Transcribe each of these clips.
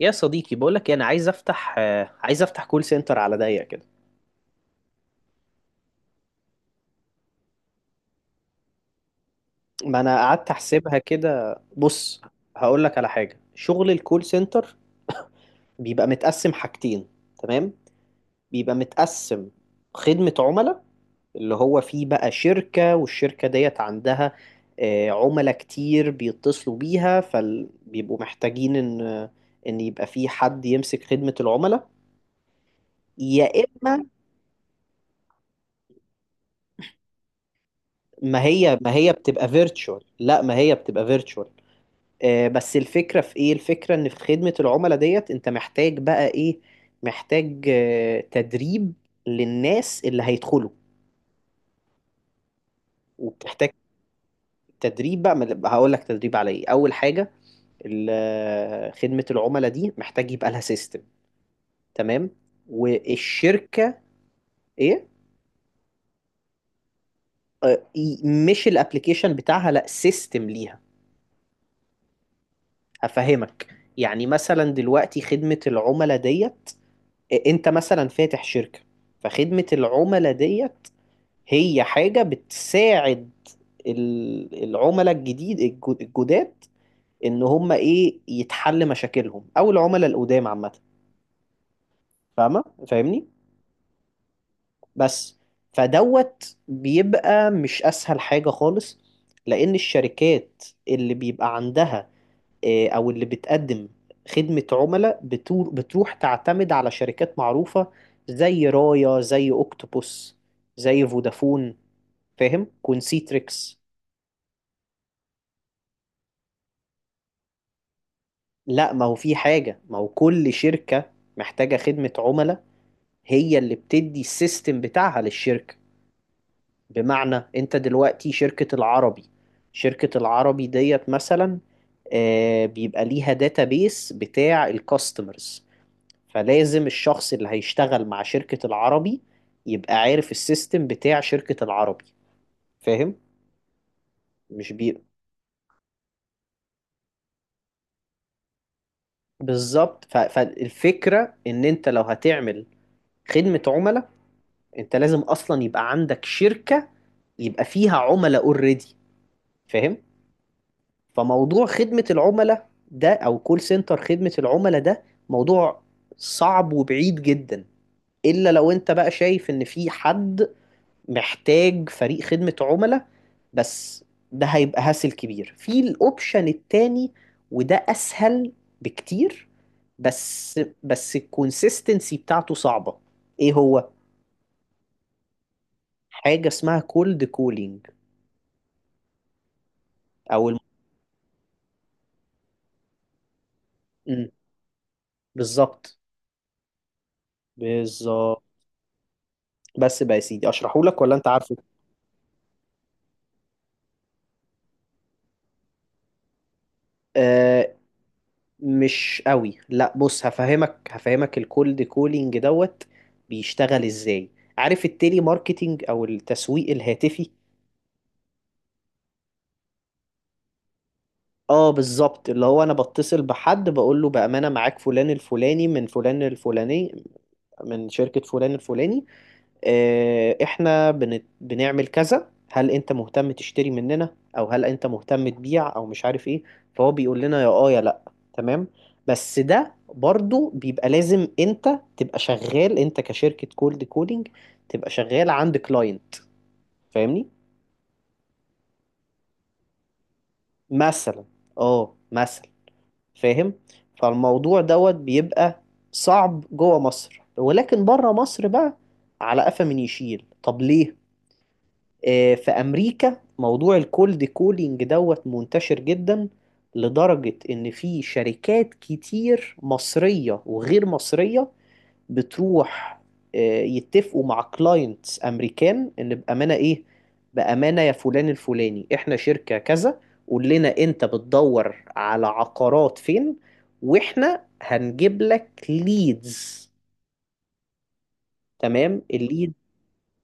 يا صديقي، بقولك إيه، انا عايز افتح عايز افتح كول سنتر على ضيق كده. ما انا قعدت احسبها كده، بص، هقولك على حاجه. شغل الكول سنتر بيبقى متقسم حاجتين، تمام؟ بيبقى متقسم، خدمه عملاء، اللي هو فيه بقى شركه، والشركه ديت عندها عملاء كتير بيتصلوا بيها، فبيبقوا محتاجين ان يبقى في حد يمسك خدمه العملاء. يا اما ما هي بتبقى فيرتشوال، لا، ما هي بتبقى فيرتشوال. بس الفكرة في ايه؟ الفكرة ان في خدمة العملاء ديت انت محتاج بقى ايه؟ محتاج تدريب للناس اللي هيدخلوا، وبتحتاج تدريب بقى. هقول لك تدريب على ايه اول حاجة. خدمة العملاء دي محتاج يبقى لها سيستم، تمام؟ والشركة، ايه؟ آه، ي- مش الابليكيشن بتاعها، لا، سيستم ليها. هفهمك. يعني مثلا دلوقتي خدمة العملاء ديت، انت مثلا فاتح شركة، فخدمة العملاء ديت هي حاجة بتساعد العملاء الجديد الجداد، ان هم ايه، يتحل مشاكلهم، او العملاء القدام عامة. فاهمني؟ بس فدوت بيبقى مش اسهل حاجة خالص، لان الشركات اللي بيبقى عندها او اللي بتقدم خدمة عملاء بتروح تعتمد على شركات معروفة، زي رايا، زي اوكتوبوس، زي فودافون، فاهم؟ كونسيتريكس. لا، ما هو كل شركة محتاجة خدمة عملاء، هي اللي بتدي السيستم بتاعها للشركة. بمعنى، انت دلوقتي شركة العربي ديت مثلا بيبقى ليها داتابيس بتاع الكاستمرز. فلازم الشخص اللي هيشتغل مع شركة العربي يبقى عارف السيستم بتاع شركة العربي. فاهم؟ مش بي بالظبط. فالفكرة ان انت لو هتعمل خدمة عملاء، انت لازم اصلا يبقى عندك شركة يبقى فيها عملاء اوريدي. فاهم؟ فموضوع خدمة العملاء ده، او كول سنتر خدمة العملاء ده، موضوع صعب وبعيد جدا، الا لو انت بقى شايف ان في حد محتاج فريق خدمة عملاء بس. ده هيبقى هاسل كبير. في الاوبشن التاني، وده اسهل بكتير، بس الكونسيستنسي بتاعته صعبة. ايه هو؟ حاجة اسمها كولد كولينج، او، مم. بالظبط، بالظبط. بس بقى يا سيدي، اشرحه لك ولا انت عارفه؟ آه، مش قوي. لا، بص، هفهمك الكولد كولينج دوت بيشتغل ازاي. عارف التيلي ماركتينج او التسويق الهاتفي؟ اه، بالظبط، اللي هو انا بتصل بحد بقول له: بامانه معاك فلان الفلاني من فلان الفلاني، من شركه فلان الفلاني، احنا بنعمل كذا، هل انت مهتم تشتري مننا، او هل انت مهتم تبيع، او مش عارف ايه. فهو بيقول لنا يا اه يا لا، تمام. بس ده برضو بيبقى لازم انت تبقى شغال، انت كشركة كولد كولينج تبقى شغال عند كلاينت. فاهمني؟ مثلا، اه مثلا. فاهم. فالموضوع دوت بيبقى صعب جوه مصر، ولكن بره مصر بقى على قفا من يشيل. طب ليه؟ في امريكا موضوع الكولد كولينج دوت منتشر جدا، لدرجة ان في شركات كتير مصرية وغير مصرية بتروح يتفقوا مع كلاينتس امريكان ان بامانة ايه، بامانة يا فلان الفلاني، احنا شركة كذا، قول لنا انت بتدور على عقارات فين، واحنا هنجيب لك ليدز، تمام؟ الليد،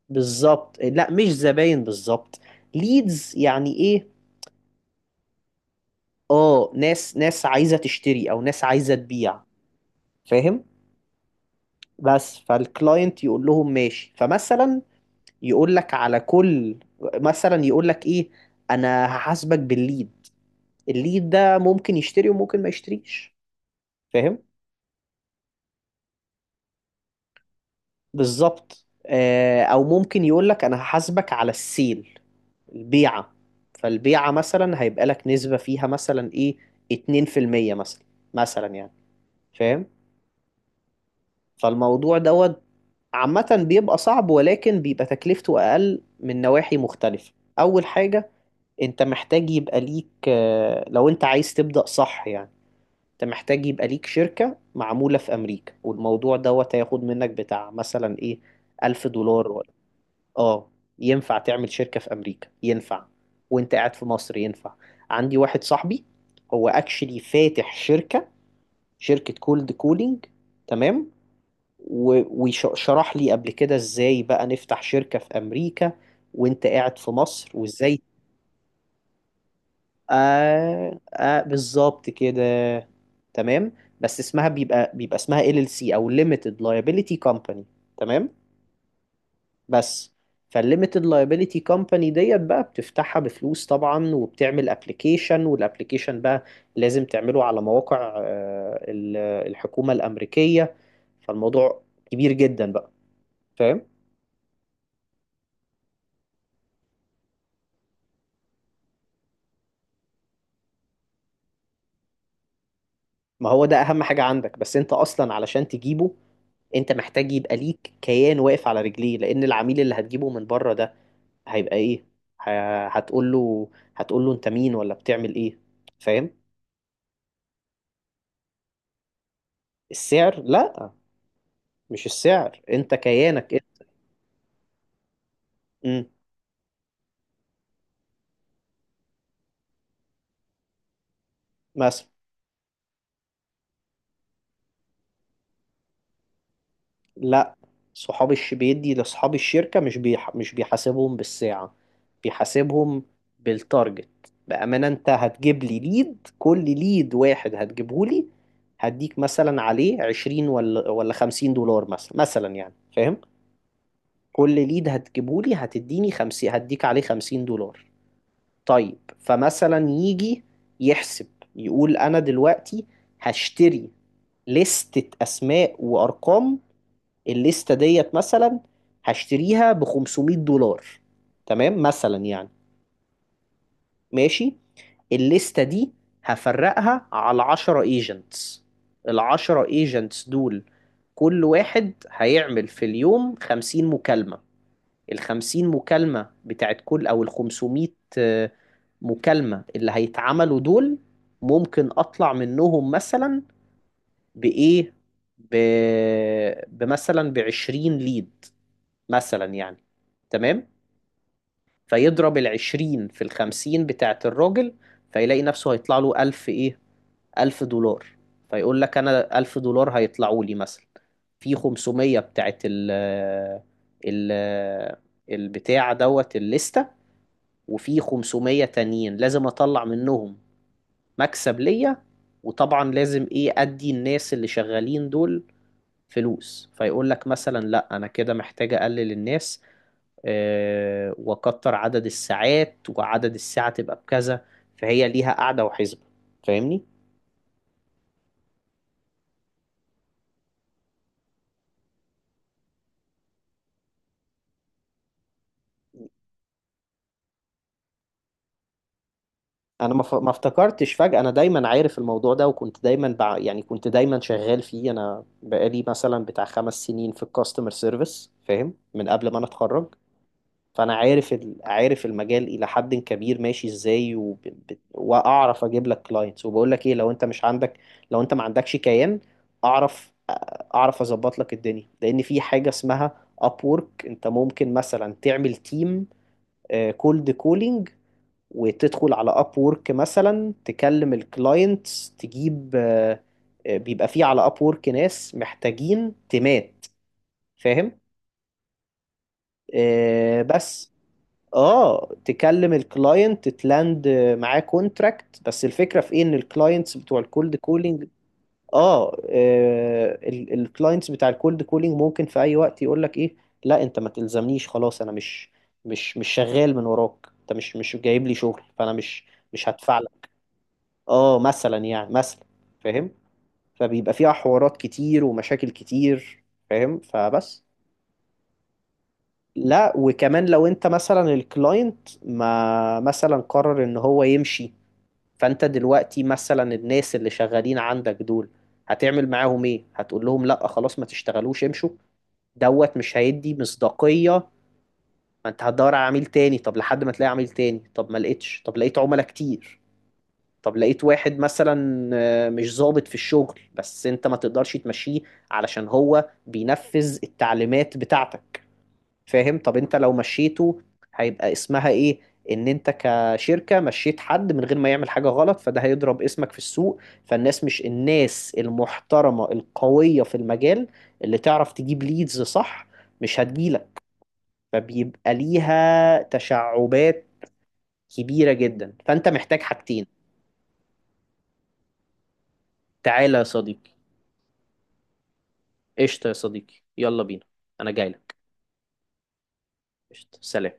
بالظبط، لا مش زباين بالظبط، ليدز. يعني ايه؟ اه، ناس عايزه تشتري، او ناس عايزه تبيع. فاهم؟ بس فالكلاينت يقول لهم ماشي، فمثلا يقول لك على كل، مثلا يقول لك ايه، انا هحاسبك بالليد، الليد ده ممكن يشتري وممكن ما يشتريش. فاهم؟ بالظبط. او ممكن يقول لك انا هحاسبك على السيل، البيعه. فالبيعه مثلا هيبقى لك نسبه فيها مثلا ايه، 2% مثلا، مثلا يعني. فاهم؟ فالموضوع دوت عامة بيبقى صعب، ولكن بيبقى تكلفته أقل من نواحي مختلفة. أول حاجة، أنت محتاج يبقى ليك لو أنت عايز تبدأ صح يعني، أنت محتاج يبقى ليك شركة معمولة في أمريكا، والموضوع دوت هياخد منك بتاع مثلا إيه، 1000 دولار ولا، آه. ينفع تعمل شركة في أمريكا؟ ينفع. وأنت قاعد في مصر؟ ينفع. عندي واحد صاحبي هو أكشلي فاتح شركة، شركة كولد كولينج، تمام، وشرح لي قبل كده ازاي بقى نفتح شركة في امريكا وانت قاعد في مصر، وازاي. آه آه، بالظبط كده. تمام. بس اسمها بيبقى اسمها ال ال سي، او limited liability company، تمام. بس فالليميتد liability company ديت بقى بتفتحها بفلوس طبعا، وبتعمل ابلكيشن، والابلكيشن بقى لازم تعمله على مواقع الحكومة الأمريكية. فالموضوع كبير جدا بقى. فاهم؟ ما هو ده اهم حاجة عندك، بس انت اصلا علشان تجيبه، انت محتاج يبقى ليك كيان واقف على رجليه، لان العميل اللي هتجيبه من بره ده، هيبقى ايه؟ ه- هتقول له هتقول له انت مين ولا بتعمل ايه. فاهم؟ السعر؟ لا، مش السعر، انت كيانك انت. امم مثلا. لا، صحاب الش بيدي لاصحاب الشركة، مش بيحاسبهم بالساعة، بيحاسبهم بالتارجت. بأمانة، انت هتجيب لي ليد، كل ليد واحد هتجيبه لي، هديك مثلا عليه 20 ولا 50 دولار، مثلا مثلا يعني، فاهم؟ كل ليد هتجيبه لي هتديني 50، هديك عليه 50 دولار. طيب، فمثلا يجي يحسب، يقول انا دلوقتي هشتري لستة اسماء وارقام، الليستة ديت مثلا هشتريها ب 500 دولار، تمام مثلا يعني. ماشي، الليستة دي هفرقها على 10 ايجنتس. ال 10 ايجنتس دول كل واحد هيعمل في اليوم 50 مكالمة. ال 50 مكالمة بتاعت كل، او ال 500 آه، مكالمة اللي هيتعملوا دول، ممكن اطلع منهم مثلا بايه، ب... بمثلا ب 20 ليد، مثلا يعني، تمام. فيضرب العشرين في الخمسين بتاعة الراجل، فيلاقي نفسه هيطلع له ألف، إيه، 1000 دولار. فيقول لك أنا 1000 دولار هيطلعوا لي مثلا، في 500 بتاعة ال ال البتاع دوت الليستة، وفي 500 تانيين لازم أطلع منهم مكسب ليا. وطبعا لازم إيه، أدي الناس اللي شغالين دول فلوس. فيقول لك مثلا لا، أنا كده محتاج أقلل الناس، وكتر عدد الساعات، وعدد الساعة تبقى بكذا. فهي ليها قاعدة وحسبة. فاهمني؟ انا ما افتكرتش فجأة، انا دايما عارف الموضوع ده، وكنت دايما يعني كنت دايما شغال فيه. انا بقالي مثلا بتاع 5 سنين في الكاستمر سيرفيس، فاهم، من قبل ما انا اتخرج. فانا عارف المجال الى حد كبير ماشي ازاي، واعرف اجيب لك كلاينتس. وبقول لك ايه، لو انت مش عندك، لو انت ما عندكش كيان، اعرف، اظبط لك الدنيا. لان في حاجه اسمها ابورك، انت ممكن مثلا تعمل تيم كولد كولينج، وتدخل على ابورك مثلا تكلم الكلاينتس، تجيب بيبقى فيه على ابورك ناس محتاجين تيمات. فاهم؟ بس، اه، تكلم الكلاينت تلاند معاه كونتراكت. بس الفكره في ايه، ان الكلاينتس بتوع الكولد كولينج، اه الكلاينتس بتاع الكولد كولينج ممكن في اي وقت يقول لك ايه، لا انت ما تلزمنيش خلاص، انا مش، مش شغال من وراك، انت مش جايب لي شغل، فانا مش، مش هدفع لك. اه مثلا يعني، مثلا، فاهم. فبيبقى فيها حوارات كتير ومشاكل كتير. فاهم، فبس. لا، وكمان لو انت مثلا الكلاينت ما مثلا قرر ان هو يمشي، فانت دلوقتي مثلا الناس اللي شغالين عندك دول، هتعمل معاهم ايه؟ هتقول لهم لا خلاص ما تشتغلوش امشوا؟ دوت مش هيدي مصداقية. ما انت هتدور على عميل تاني، طب لحد ما تلاقي عميل تاني، طب ما لقيتش، طب لقيت عملاء كتير، طب لقيت واحد مثلا مش ظابط في الشغل، بس انت ما تقدرش تمشيه، علشان هو بينفذ التعليمات بتاعتك. فاهم؟ طب انت لو مشيته، هيبقى اسمها ايه، ان انت كشركة مشيت حد من غير ما يعمل حاجة غلط. فده هيضرب اسمك في السوق، فالناس، مش الناس المحترمة القوية في المجال اللي تعرف تجيب ليدز صح، مش هتجيلك. فبيبقى ليها تشعبات كبيرة جدا، فانت محتاج حاجتين. تعالى يا صديقي، قشطة يا صديقي، يلا بينا، انا جاي لك، قشطة، سلام.